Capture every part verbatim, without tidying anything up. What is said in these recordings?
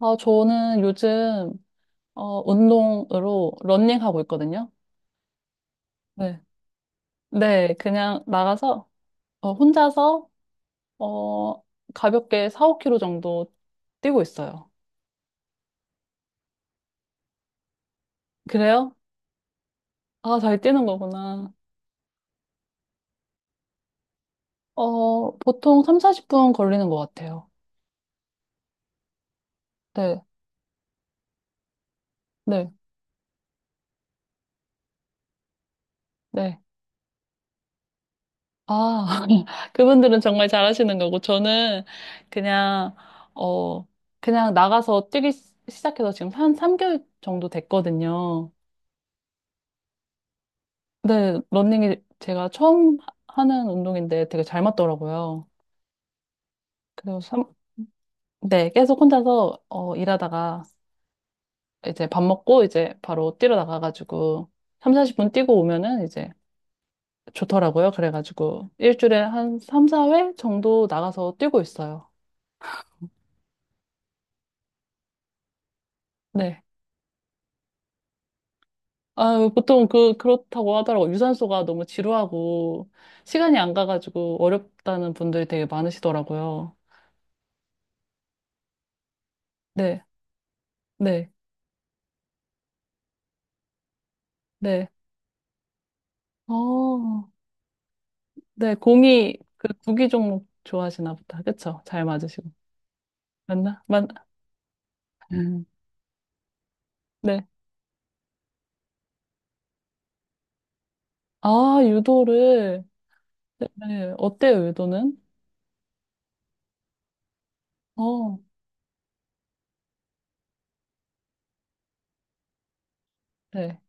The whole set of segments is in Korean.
아, 저는 요즘, 어, 운동으로 런닝하고 있거든요. 네. 네, 그냥 나가서, 어, 혼자서, 어, 가볍게 사, 오 k 로 정도 뛰고 있어요. 그래요? 아, 잘 뛰는 거구나. 어, 보통 삼, 사십 분 걸리는 것 같아요. 네, 네, 네. 아, 그분들은 정말 잘하시는 거고, 저는 그냥, 어, 그냥 나가서 뛰기 시- 시작해서 지금 한 삼 개월 정도 됐거든요. 네, 러닝이 제가 처음 하- 하는 운동인데 되게 잘 맞더라고요. 그래서 삼, 네, 계속 혼자서 어, 일하다가 이제 밥 먹고 이제 바로 뛰러 나가가지고 삼, 사십 분 뛰고 오면은 이제 좋더라고요. 그래가지고 일주일에 한 삼, 사 회 정도 나가서 뛰고 있어요. 네. 아, 보통 그, 그렇다고 하더라고요. 유산소가 너무 지루하고 시간이 안 가가지고 어렵다는 분들이 되게 많으시더라고요. 네, 네, 네. 어, 네, 공이 그 구기 종목 좋아하시나 보다. 그쵸? 잘 맞으시고. 맞나? 맞, 음. 네. 아, 유도를. 네, 네. 어때요, 유도는? 어, 네.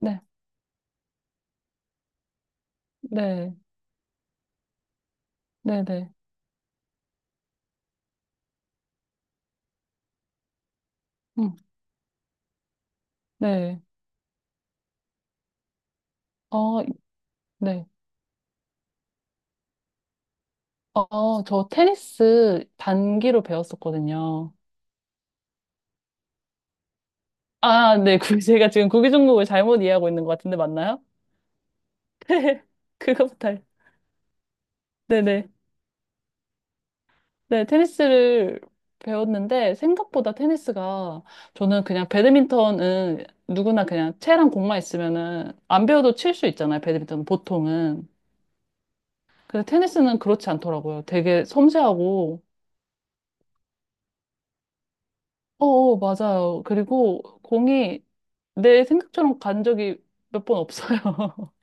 네, 네, 네, 네. 음, 네. 어, 네. 어, 저 테니스 단기로 배웠었거든요. 아, 네. 그 제가 지금 구기 종목을 잘못 이해하고 있는 것 같은데, 맞나요? 그거부터. 할- 네네. 네, 테니스를 배웠는데 생각보다 테니스가 저는 그냥 배드민턴은 누구나 그냥 채랑 공만 있으면은 안 배워도 칠 수 있잖아요. 배드민턴은 보통은. 근데 테니스는 그렇지 않더라고요. 되게 섬세하고 어어 맞아요. 그리고 공이 내 생각처럼 간 적이 몇 번 없어요.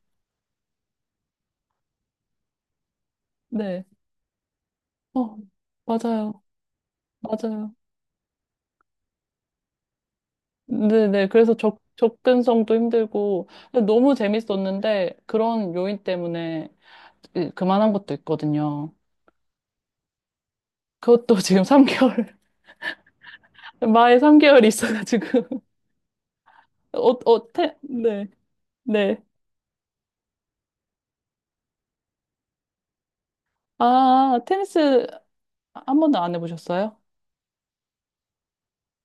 네. 어, 맞아요. 맞아요. 네네. 그래서 접, 접근성도 힘들고, 너무 재밌었는데, 그런 요인 때문에 그- 그만한 것도 있거든요. 그것도 지금 삼 개월, 마에 삼 개월이 있어가지고. 어, 어, 테, 네, 네. 아, 테니스 한 번도 안 해보셨어요?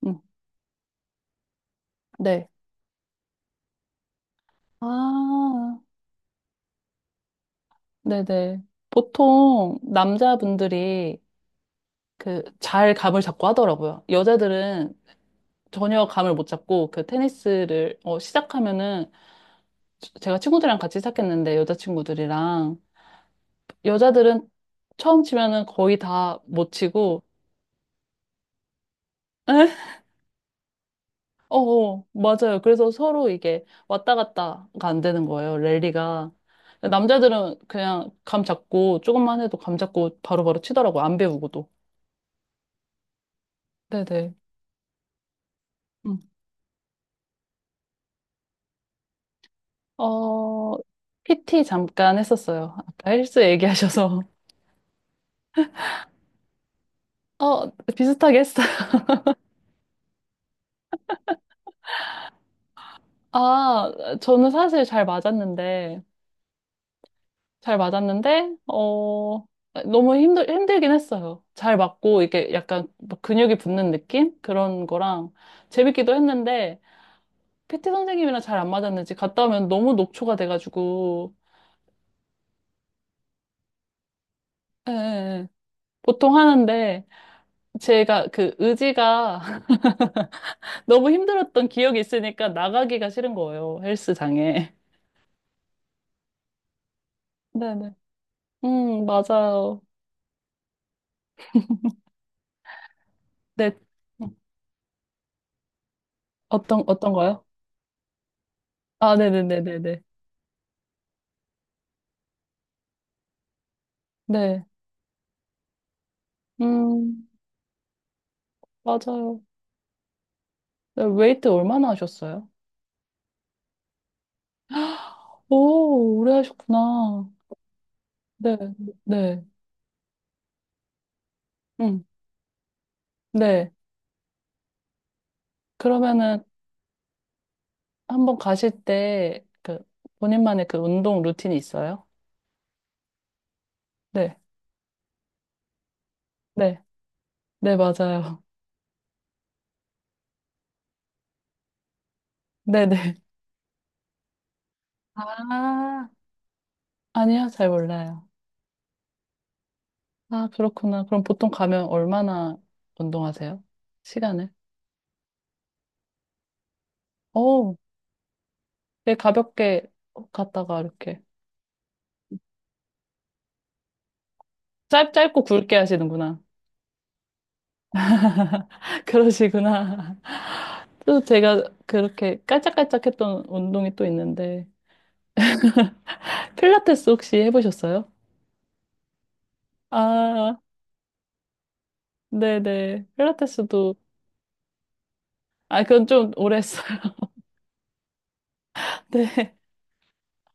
응, 네. 아, 네네. 보통 남자분들이 그 잘 감을 잡고 하더라고요. 여자들은 전혀 감을 못 잡고 그 테니스를 어, 시작하면은 저- 제가 친구들이랑 같이 시작했는데 여자친구들이랑 여자들은 처음 치면은 거의 다 못 치고 에? 어, 어, 맞아요. 그래서 서로 이게 왔다 갔다가 안 되는 거예요, 랠리가. 남자들은 그냥 감 잡고, 조금만 해도 감 잡고 바로바로 치더라고요. 안 배우고도. 네네. 음. 어, 피티 잠깐 했었어요. 아까 헬스 얘기하셔서. 어, 비슷하게 했어요. 아, 저는 사실 잘 맞았는데, 잘 맞았는데, 어, 너무 힘들, 힘들긴 했어요. 잘 맞고, 이게 약간 막 근육이 붙는 느낌? 그런 거랑 재밌기도 했는데, 피티 선생님이랑 잘 안 맞았는지 갔다 오면 너무 녹초가 돼가지고, 예, 예, 예. 보통 하는데, 제가 그 의지가 너무 힘들었던 기억이 있으니까 나가기가 싫은 거예요, 헬스장에. 네네. 음, 맞아요. 네. 어떤, 어떤 거요? 아, 네네네네네. 네. 음, 맞아요. 네, 웨이트 얼마나 하셨어요? 오, 오래 하셨구나. 네, 네, 응, 네. 그러면은 한번 가실 때 그 본인만의 그 운동 루틴이 있어요? 네, 네, 네, 맞아요. 네, 네. 아, 아니요, 잘 몰라요. 아, 그렇구나. 그럼 보통 가면 얼마나 운동하세요? 시간을? 오, 네, 가볍게 갔다가 이렇게 짧, 짧고 굵게 하시는구나. 그러시구나. 또 제가 그렇게 깔짝깔짝했던 운동이 또 있는데 필라테스 혹시 해보셨어요? 아, 네네. 필라테스도 아 그건 좀 오래 했어요. 네.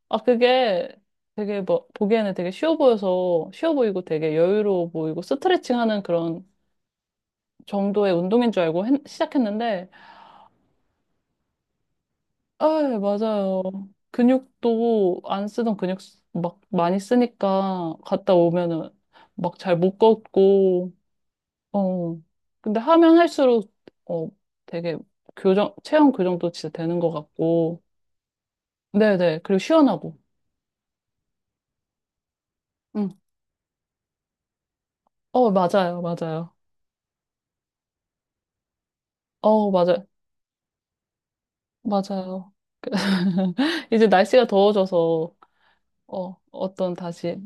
아 그게 되게 뭐 보기에는 되게 쉬워 보여서 쉬워 보이고 되게 여유로워 보이고 스트레칭하는 그런 정도의 운동인 줄 알고 했- 시작했는데 아, 예, 맞아요. 근육도 안 쓰던 근육 쓰- 막 많이 쓰니까 갔다 오면은 막 잘 못 걷고, 어. 근데 하면 할수록, 어, 되게 교정, 체형 교정도 진짜 되는 것 같고, 네네. 그리고 시원하고. 응. 어, 맞아요. 맞아요. 어, 맞아요. 맞아요. 이제 날씨가 더워져서, 어, 어떤 다시,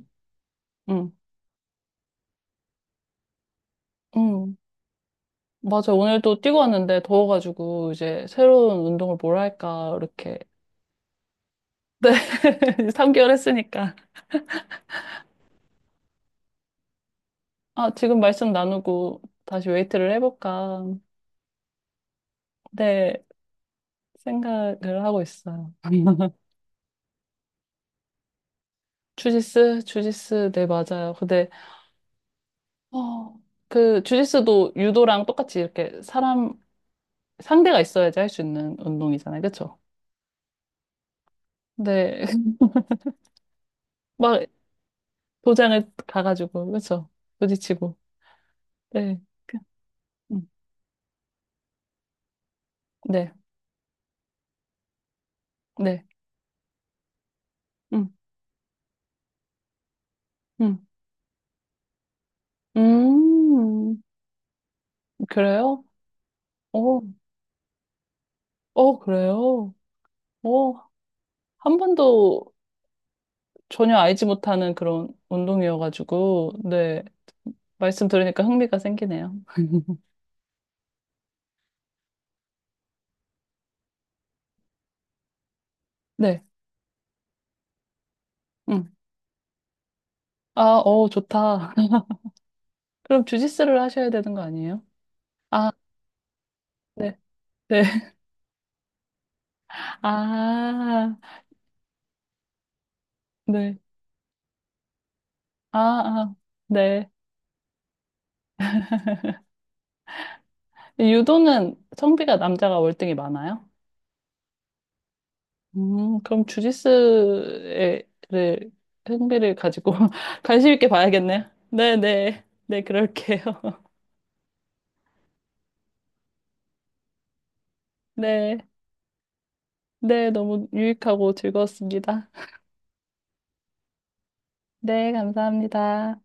응, 응. 맞아. 오늘도 뛰고 왔는데 더워가지고 이제 새로운 운동을 뭘 할까, 이렇게. 네. 삼 개월 했으니까. 아, 지금 말씀 나누고 다시 웨이트를 해볼까. 네, 생각을 하고 있어요. 주짓수, 주짓수, 네, 맞아요. 근데, 어, 그, 주짓수도 유도랑 똑같이 이렇게 사람, 상대가 있어야지 할 수 있는 운동이잖아요. 그쵸? 네, 막 도장을 가가지고, 그쵸? 부딪히고. 네, 그- 음, 네, 네. 음, 음. 음, 그래요? 오, 어, 그래요? 오, 한 번도 전혀 알지 못하는 그런 운동이어가지고, 네. 말씀 들으니까 흥미가 생기네요. 네. 음. 아, 어, 좋다. 그럼 주짓수를 하셔야 되는 거 아니에요? 아, 네. 네. 아, 네. 아, 아, 네. 유도는 성비가 남자가 월등히 많아요? 음, 그럼 주짓수에, 를, 흥미를 가지고 관심 있게 봐야겠네요. 네, 네. 네, 그럴게요. 네. 네, 너무 유익하고 즐거웠습니다. 네, 감사합니다.